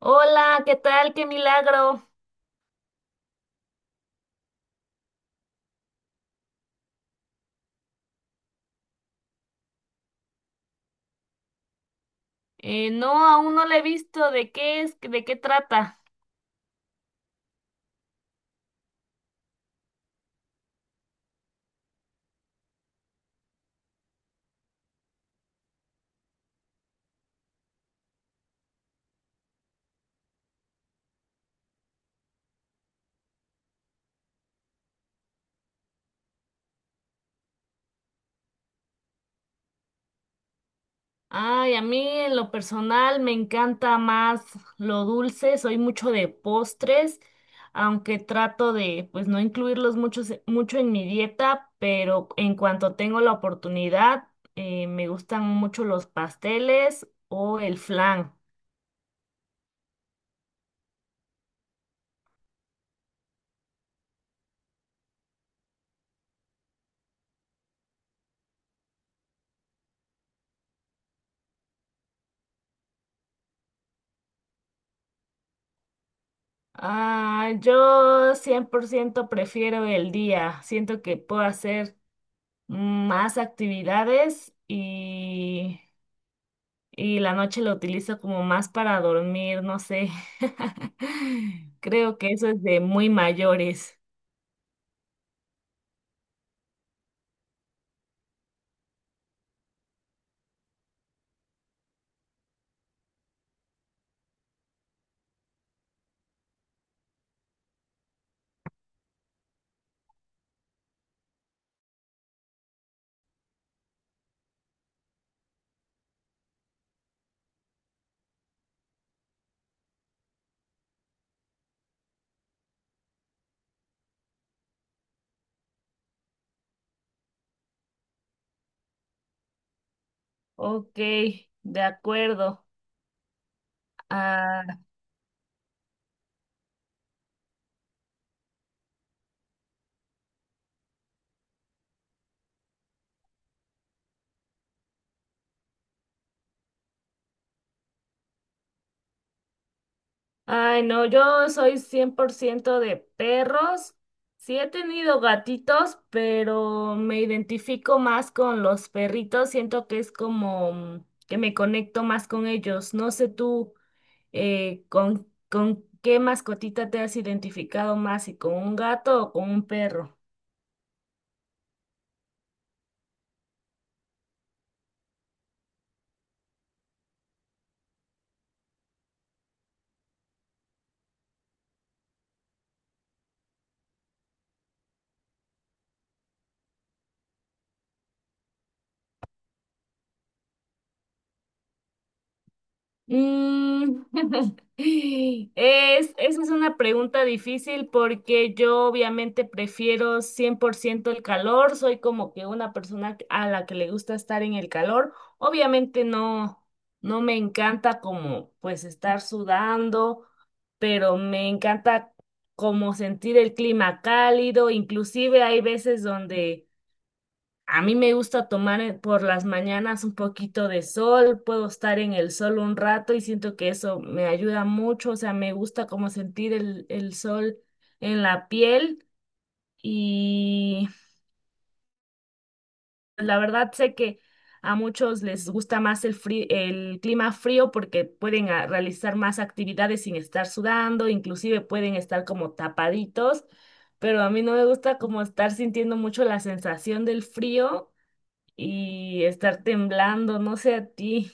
Hola, ¿qué tal? ¡Qué milagro! No, aún no la he visto. ¿De qué es? ¿De qué trata? Ay, a mí en lo personal me encanta más lo dulce. Soy mucho de postres, aunque trato de, pues, no incluirlos mucho en mi dieta, pero en cuanto tengo la oportunidad, me gustan mucho los pasteles o el flan. Ah, yo 100% prefiero el día. Siento que puedo hacer más actividades y la noche lo utilizo como más para dormir, no sé. Creo que eso es de muy mayores. Ok, de acuerdo. Ah, Ay, no, yo soy 100% de perros. Sí he tenido gatitos, pero me identifico más con los perritos. Siento que es como mm, que me conecto más con ellos. No sé tú. ¿Con qué mascotita te has identificado más? Y ¿con un gato o con un perro? Mm, esa es una pregunta difícil porque yo obviamente prefiero 100% el calor, soy como que una persona a la que le gusta estar en el calor. Obviamente no, no me encanta como pues estar sudando, pero me encanta como sentir el clima cálido, inclusive hay veces donde a mí me gusta tomar por las mañanas un poquito de sol, puedo estar en el sol un rato y siento que eso me ayuda mucho, o sea, me gusta como sentir el sol en la piel y la verdad sé que a muchos les gusta más el el clima frío porque pueden realizar más actividades sin estar sudando, inclusive pueden estar como tapaditos, pero a mí no me gusta como estar sintiendo mucho la sensación del frío y estar temblando, no sé a ti.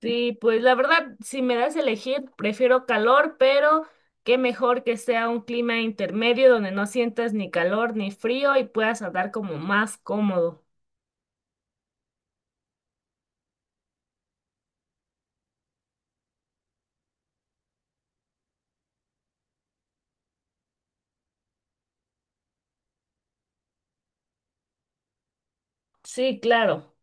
Sí, pues la verdad, si me das a elegir, prefiero calor, pero qué mejor que sea un clima intermedio donde no sientas ni calor ni frío y puedas andar como más cómodo. Sí, claro.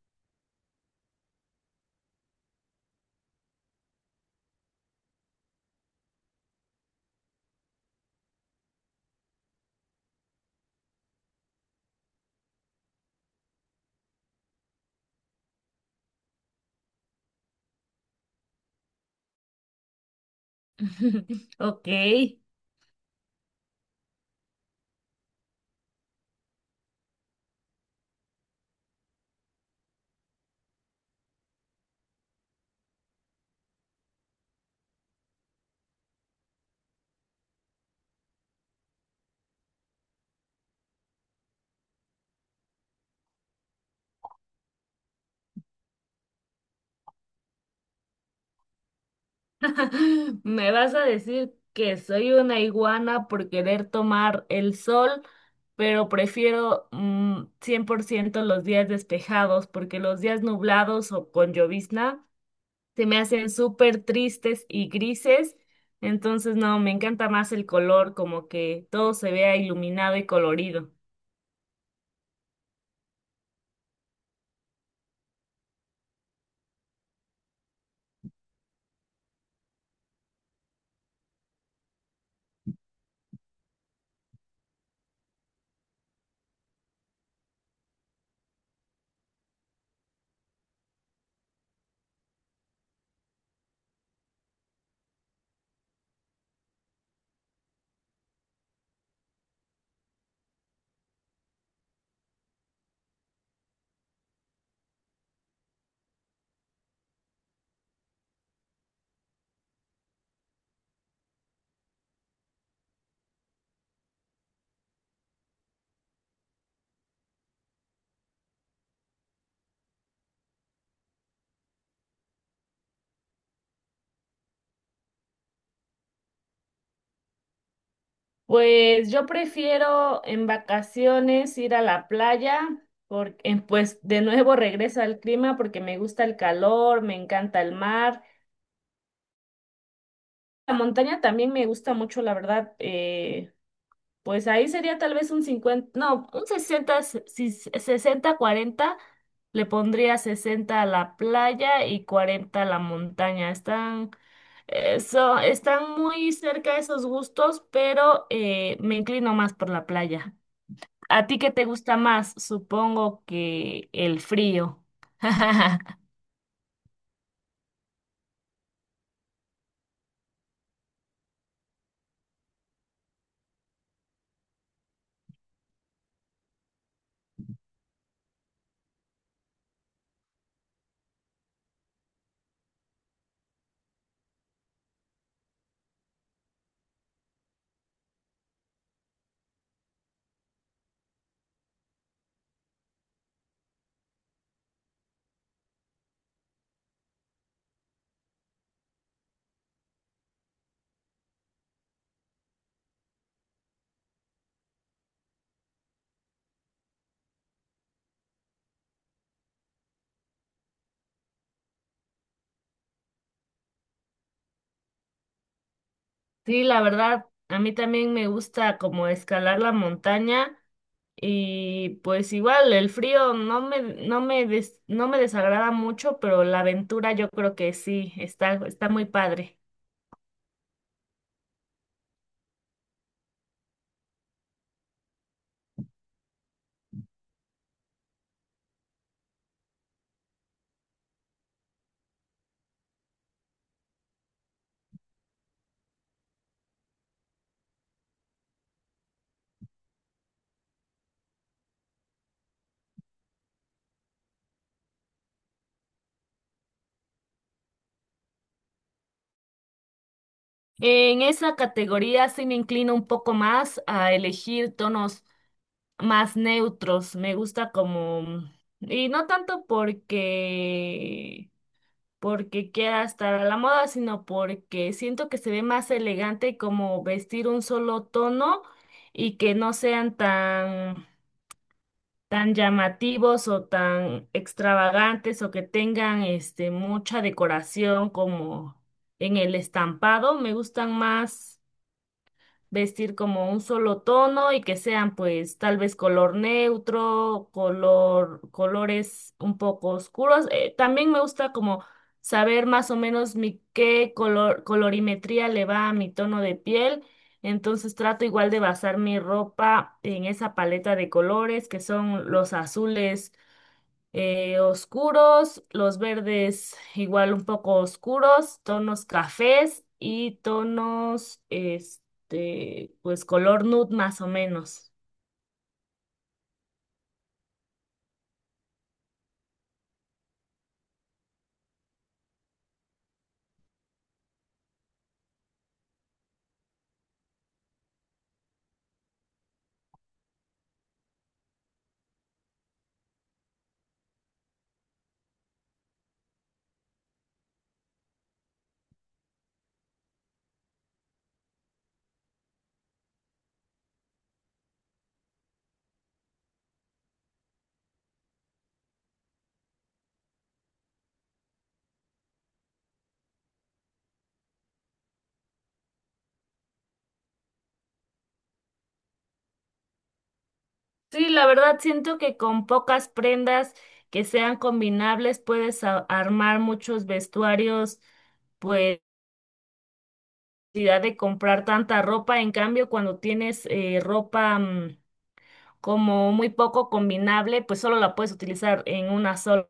Ok. ¿Me vas a decir que soy una iguana por querer tomar el sol? Pero prefiero mm, 100% los días despejados porque los días nublados o con llovizna se me hacen súper tristes y grises, entonces no, me encanta más el color, como que todo se vea iluminado y colorido. Pues yo prefiero en vacaciones ir a la playa, porque pues de nuevo regreso al clima porque me gusta el calor, me encanta el mar. La montaña también me gusta mucho, la verdad. Pues ahí sería tal vez un 50, no, un 60, 60-40. Le pondría 60 a la playa y 40 a la montaña. Están muy cerca esos gustos, pero me inclino más por la playa. ¿A ti qué te gusta más? Supongo que el frío. Sí, la verdad, a mí también me gusta como escalar la montaña, y pues igual el frío no me desagrada mucho, pero la aventura yo creo que sí, está muy padre. En esa categoría sí me inclino un poco más a elegir tonos más neutros. Me gusta como, y no tanto porque, porque quiera estar a la moda, sino porque siento que se ve más elegante como vestir un solo tono y que no sean tan llamativos o tan extravagantes o que tengan este mucha decoración como en el estampado, me gustan más vestir como un solo tono y que sean pues tal vez color neutro, color, colores un poco oscuros. También me gusta como saber más o menos mi qué color, colorimetría le va a mi tono de piel. Entonces trato igual de basar mi ropa en esa paleta de colores que son los azules oscuros, los verdes igual un poco oscuros, tonos cafés y tonos, este, pues color nude más o menos. Sí, la verdad siento que con pocas prendas que sean combinables puedes armar muchos vestuarios, pues, sin necesidad de comprar tanta ropa. En cambio, cuando tienes ropa mm, como muy poco combinable, pues solo la puedes utilizar en una sola.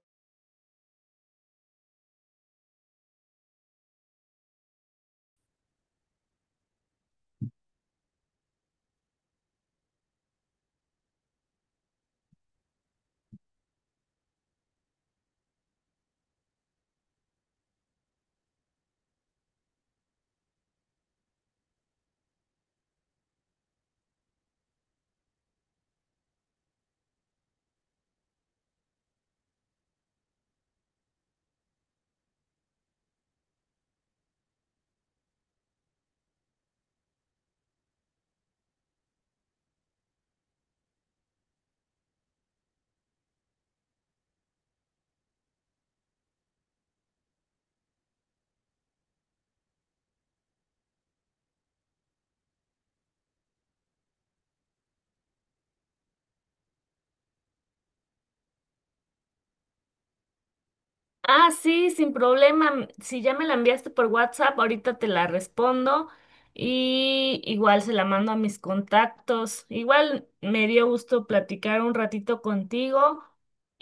Ah, sí, sin problema. Si ya me la enviaste por WhatsApp, ahorita te la respondo y igual se la mando a mis contactos. Igual me dio gusto platicar un ratito contigo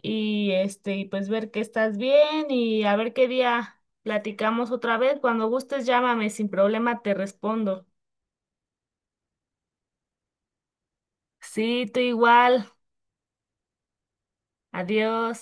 y este, y pues ver que estás bien y a ver qué día platicamos otra vez. Cuando gustes, llámame, sin problema te respondo. Sí, tú igual. Adiós.